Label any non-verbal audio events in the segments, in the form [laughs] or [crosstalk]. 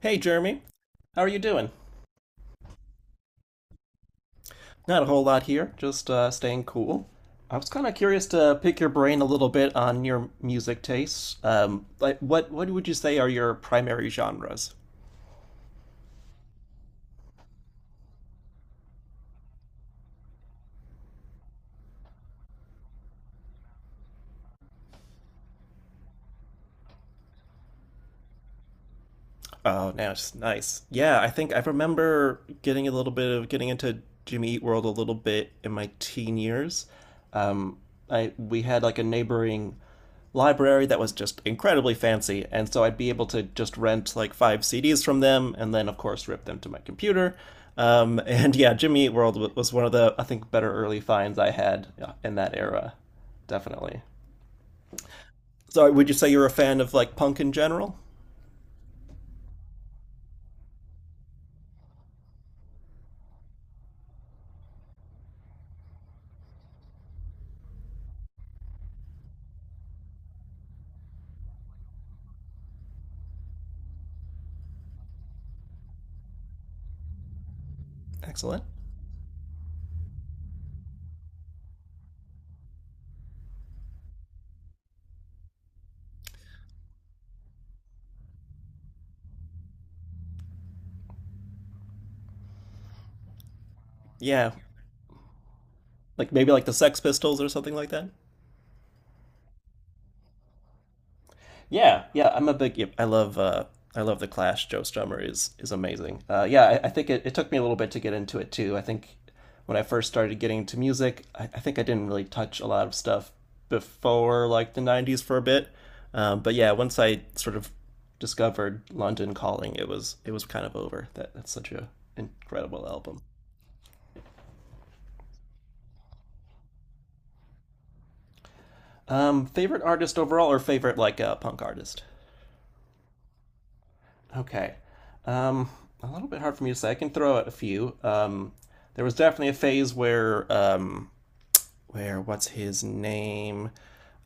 Hey, Jeremy. How are you doing? Not a whole lot here, just staying cool. I was kind of curious to pick your brain a little bit on your music tastes. Like, what would you say are your primary genres? Oh, now it's nice. Yeah, I think I remember getting a little bit of getting into Jimmy Eat World a little bit in my teen years. Um, I we had like a neighboring library that was just incredibly fancy, and so I'd be able to just rent like five CDs from them, and then of course rip them to my computer. [laughs] And yeah, Jimmy Eat World was one of the I think better early finds I had, yeah, in that era, definitely. So would you say you're a fan of like punk in general? Excellent. Yeah, like maybe like the Sex Pistols or something like that. Yeah, yeah, I'm a big. Yep, I love. I love the Clash. Joe Strummer is amazing. Yeah, I think it took me a little bit to get into it too. I think when I first started getting into music, I think I didn't really touch a lot of stuff before like the '90s for a bit. But yeah, once I sort of discovered London Calling, it was kind of over. That's such a incredible album. Favorite artist overall, or favorite like punk artist? Okay. Um, a little bit hard for me to say. I can throw out a few. There was definitely a phase where what's his name?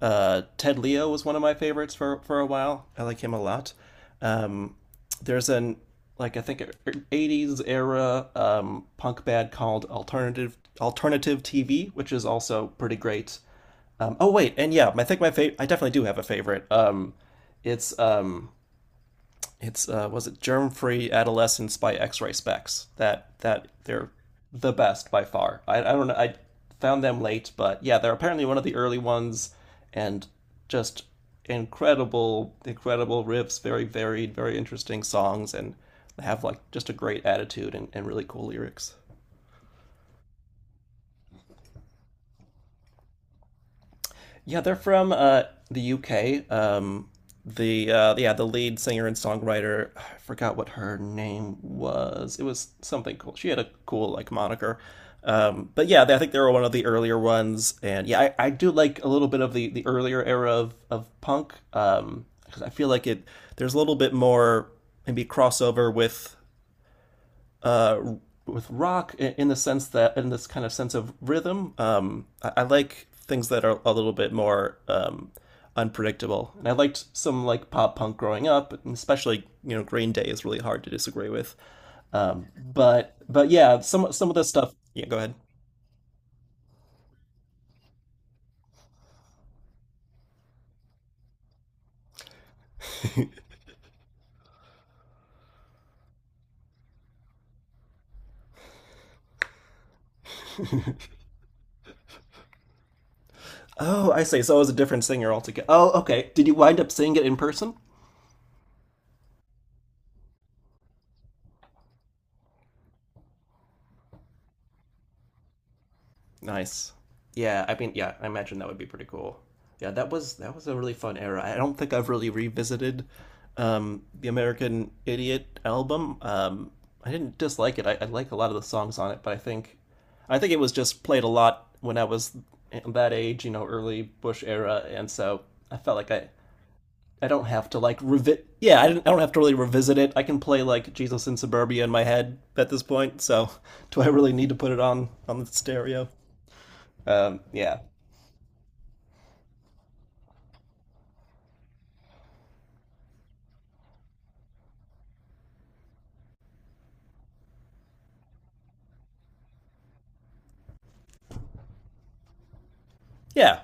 Ted Leo was one of my favorites for a while. I like him a lot. There's an like I think '80s era punk band called Alternative TV, which is also pretty great. Oh wait, and yeah, I think my favorite. I definitely do have a favorite. It's um it's Was it Germ Free Adolescence by X Ray Specs. That they're the best by far. I don't know. I found them late, but yeah, they're apparently one of the early ones, and just incredible, incredible riffs. Very varied, very interesting songs, and have like just a great attitude and really cool lyrics. Yeah, they're from the UK. The yeah, the lead singer and songwriter, I forgot what her name was. It was something cool. She had a cool like moniker. But yeah, they, I think they were one of the earlier ones, and yeah, I do like a little bit of the earlier era of punk because I feel like it there's a little bit more maybe crossover with rock in, the sense that in this kind of sense of rhythm. I like things that are a little bit more unpredictable, and I liked some like pop punk growing up, and especially you know Green Day is really hard to disagree with. But yeah, some of the stuff. Yeah, go ahead. Oh, I see. So it was a different singer altogether. Oh, okay. Did you wind up seeing it in person? Nice. Yeah, I mean, yeah, I imagine that would be pretty cool. Yeah, that was a really fun era. I don't think I've really revisited the American Idiot album. I didn't dislike it. I like a lot of the songs on it, but I think it was just played a lot when I was that age, you know, early Bush era, and so I felt like I don't have to like revi yeah, I didn't I don't have to really revisit it. I can play like Jesus in Suburbia in my head at this point, so [laughs] do I really need to put it on the stereo? Yeah, yeah,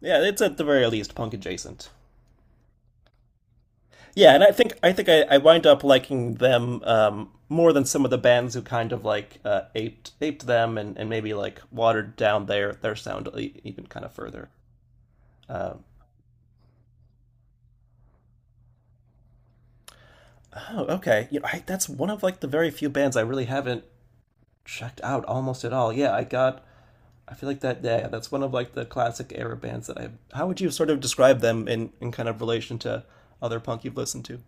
yeah, it's at the very least punk adjacent. Yeah, and I think I wind up liking them more than some of the bands who kind of like aped them and maybe like watered down their sound even kind of further. Um, oh, okay. You know, I, that's one of like the very few bands I really haven't checked out almost at all. Yeah, I got. I feel like that. Yeah, yeah, that's one of like the classic era bands that I. How would you sort of describe them in kind of relation to other punk you've listened to?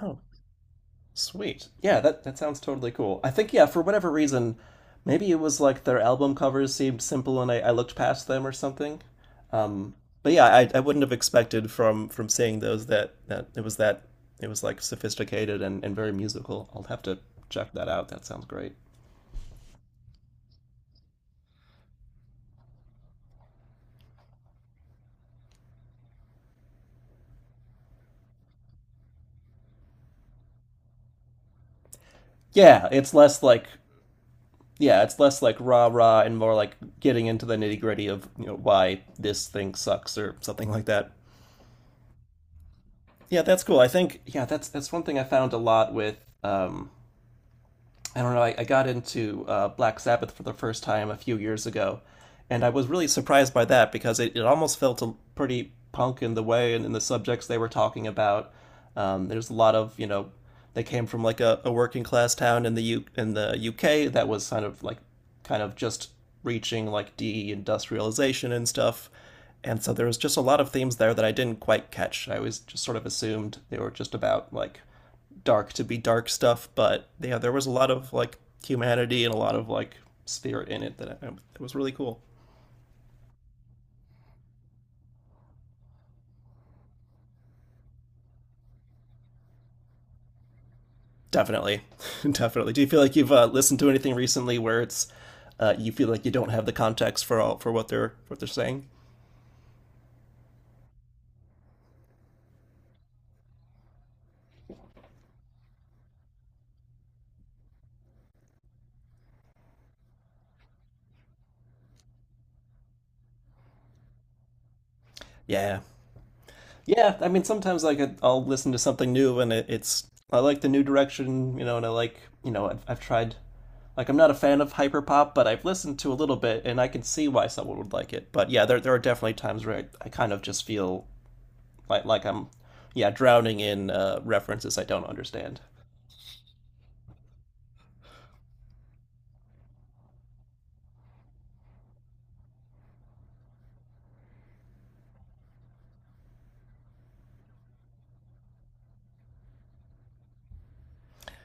Oh, sweet. Yeah, that, that sounds totally cool. I think, yeah, for whatever reason, maybe it was like their album covers seemed simple and I looked past them or something. Um, but yeah, I wouldn't have expected from seeing those that, that it was like sophisticated and very musical. I'll have to check that out. That sounds great. Yeah, it's less like yeah, it's less like rah rah and more like getting into the nitty gritty of you know why this thing sucks or something like that. Yeah, that's cool. I think yeah, that's one thing I found a lot with um, I don't know, I got into Black Sabbath for the first time a few years ago, and I was really surprised by that because it almost felt a, pretty punk in the way and in the subjects they were talking about. There's a lot of, you know, they came from like a working class town in the UK that was kind of like kind of just reaching like de industrialization and stuff. And so there was just a lot of themes there that I didn't quite catch. I always just sort of assumed they were just about like dark to be dark stuff, but yeah, there was a lot of like humanity and a lot of like spirit in it that I, it was really cool. Definitely, [laughs] definitely. Do you feel like you've listened to anything recently where it's you feel like you don't have the context for all for what they're saying? Yeah, yeah, I mean, sometimes like I'll listen to something new and it, it's I like the new direction, you know, and I like, you know, I've tried like I'm not a fan of hyperpop, but I've listened to a little bit and I can see why someone would like it. But yeah, there are definitely times where I kind of just feel like I'm yeah, drowning in references I don't understand.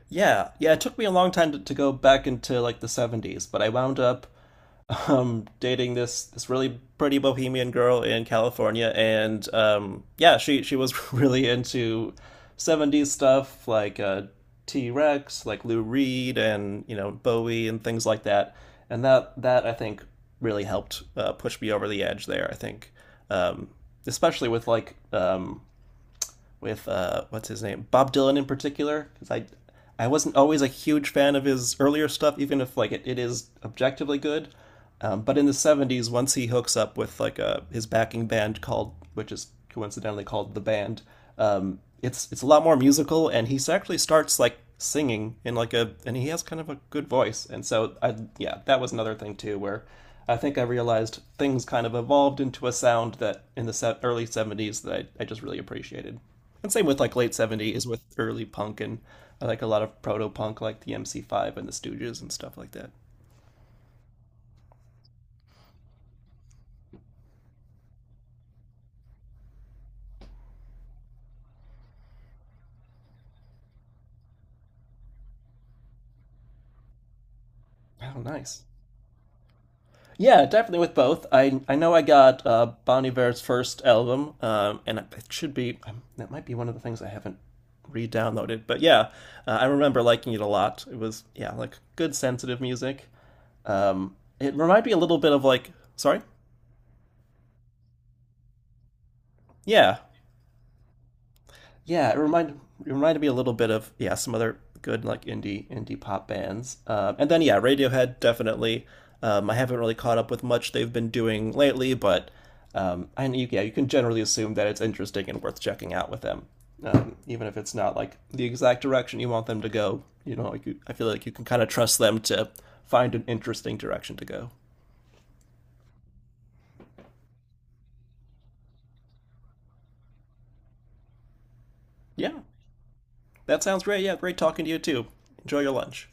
Yeah, yeah, it took me a long time to go back into like the '70s, but I wound up dating this really pretty bohemian girl in California, and yeah, she was [laughs] really into '70s stuff like T Rex, like Lou Reed, and you know Bowie and things like that. And that I think really helped push me over the edge there. I think, um, especially with like with what's his name, Bob Dylan in particular, because I wasn't always a huge fan of his earlier stuff, even if like it is objectively good. But in the '70s, once he hooks up with like a his backing band called, which is coincidentally called the band, it's a lot more musical, and he actually starts like singing in like a, and he has kind of a good voice, and so I yeah, that was another thing too where. I think I realized things kind of evolved into a sound that in the early '70s that I just really appreciated. And same with like late '70s with early punk and like a lot of proto punk, like the MC5 and the Stooges and stuff like that. Oh, nice. Yeah, definitely with both. I know I got Bon Iver's first album, and it should be that might be one of the things I haven't re-downloaded. But yeah, I remember liking it a lot. It was yeah, like good sensitive music. It reminded me a little bit of like sorry, yeah, yeah, it reminded me a little bit of yeah some other good like indie pop bands, and then yeah Radiohead definitely. I haven't really caught up with much they've been doing lately, but and you, yeah, you can generally assume that it's interesting and worth checking out with them, even if it's not like the exact direction you want them to go. You know, like you, I feel like you can kind of trust them to find an interesting direction to go. Yeah, that sounds great. Yeah, great talking to you too. Enjoy your lunch.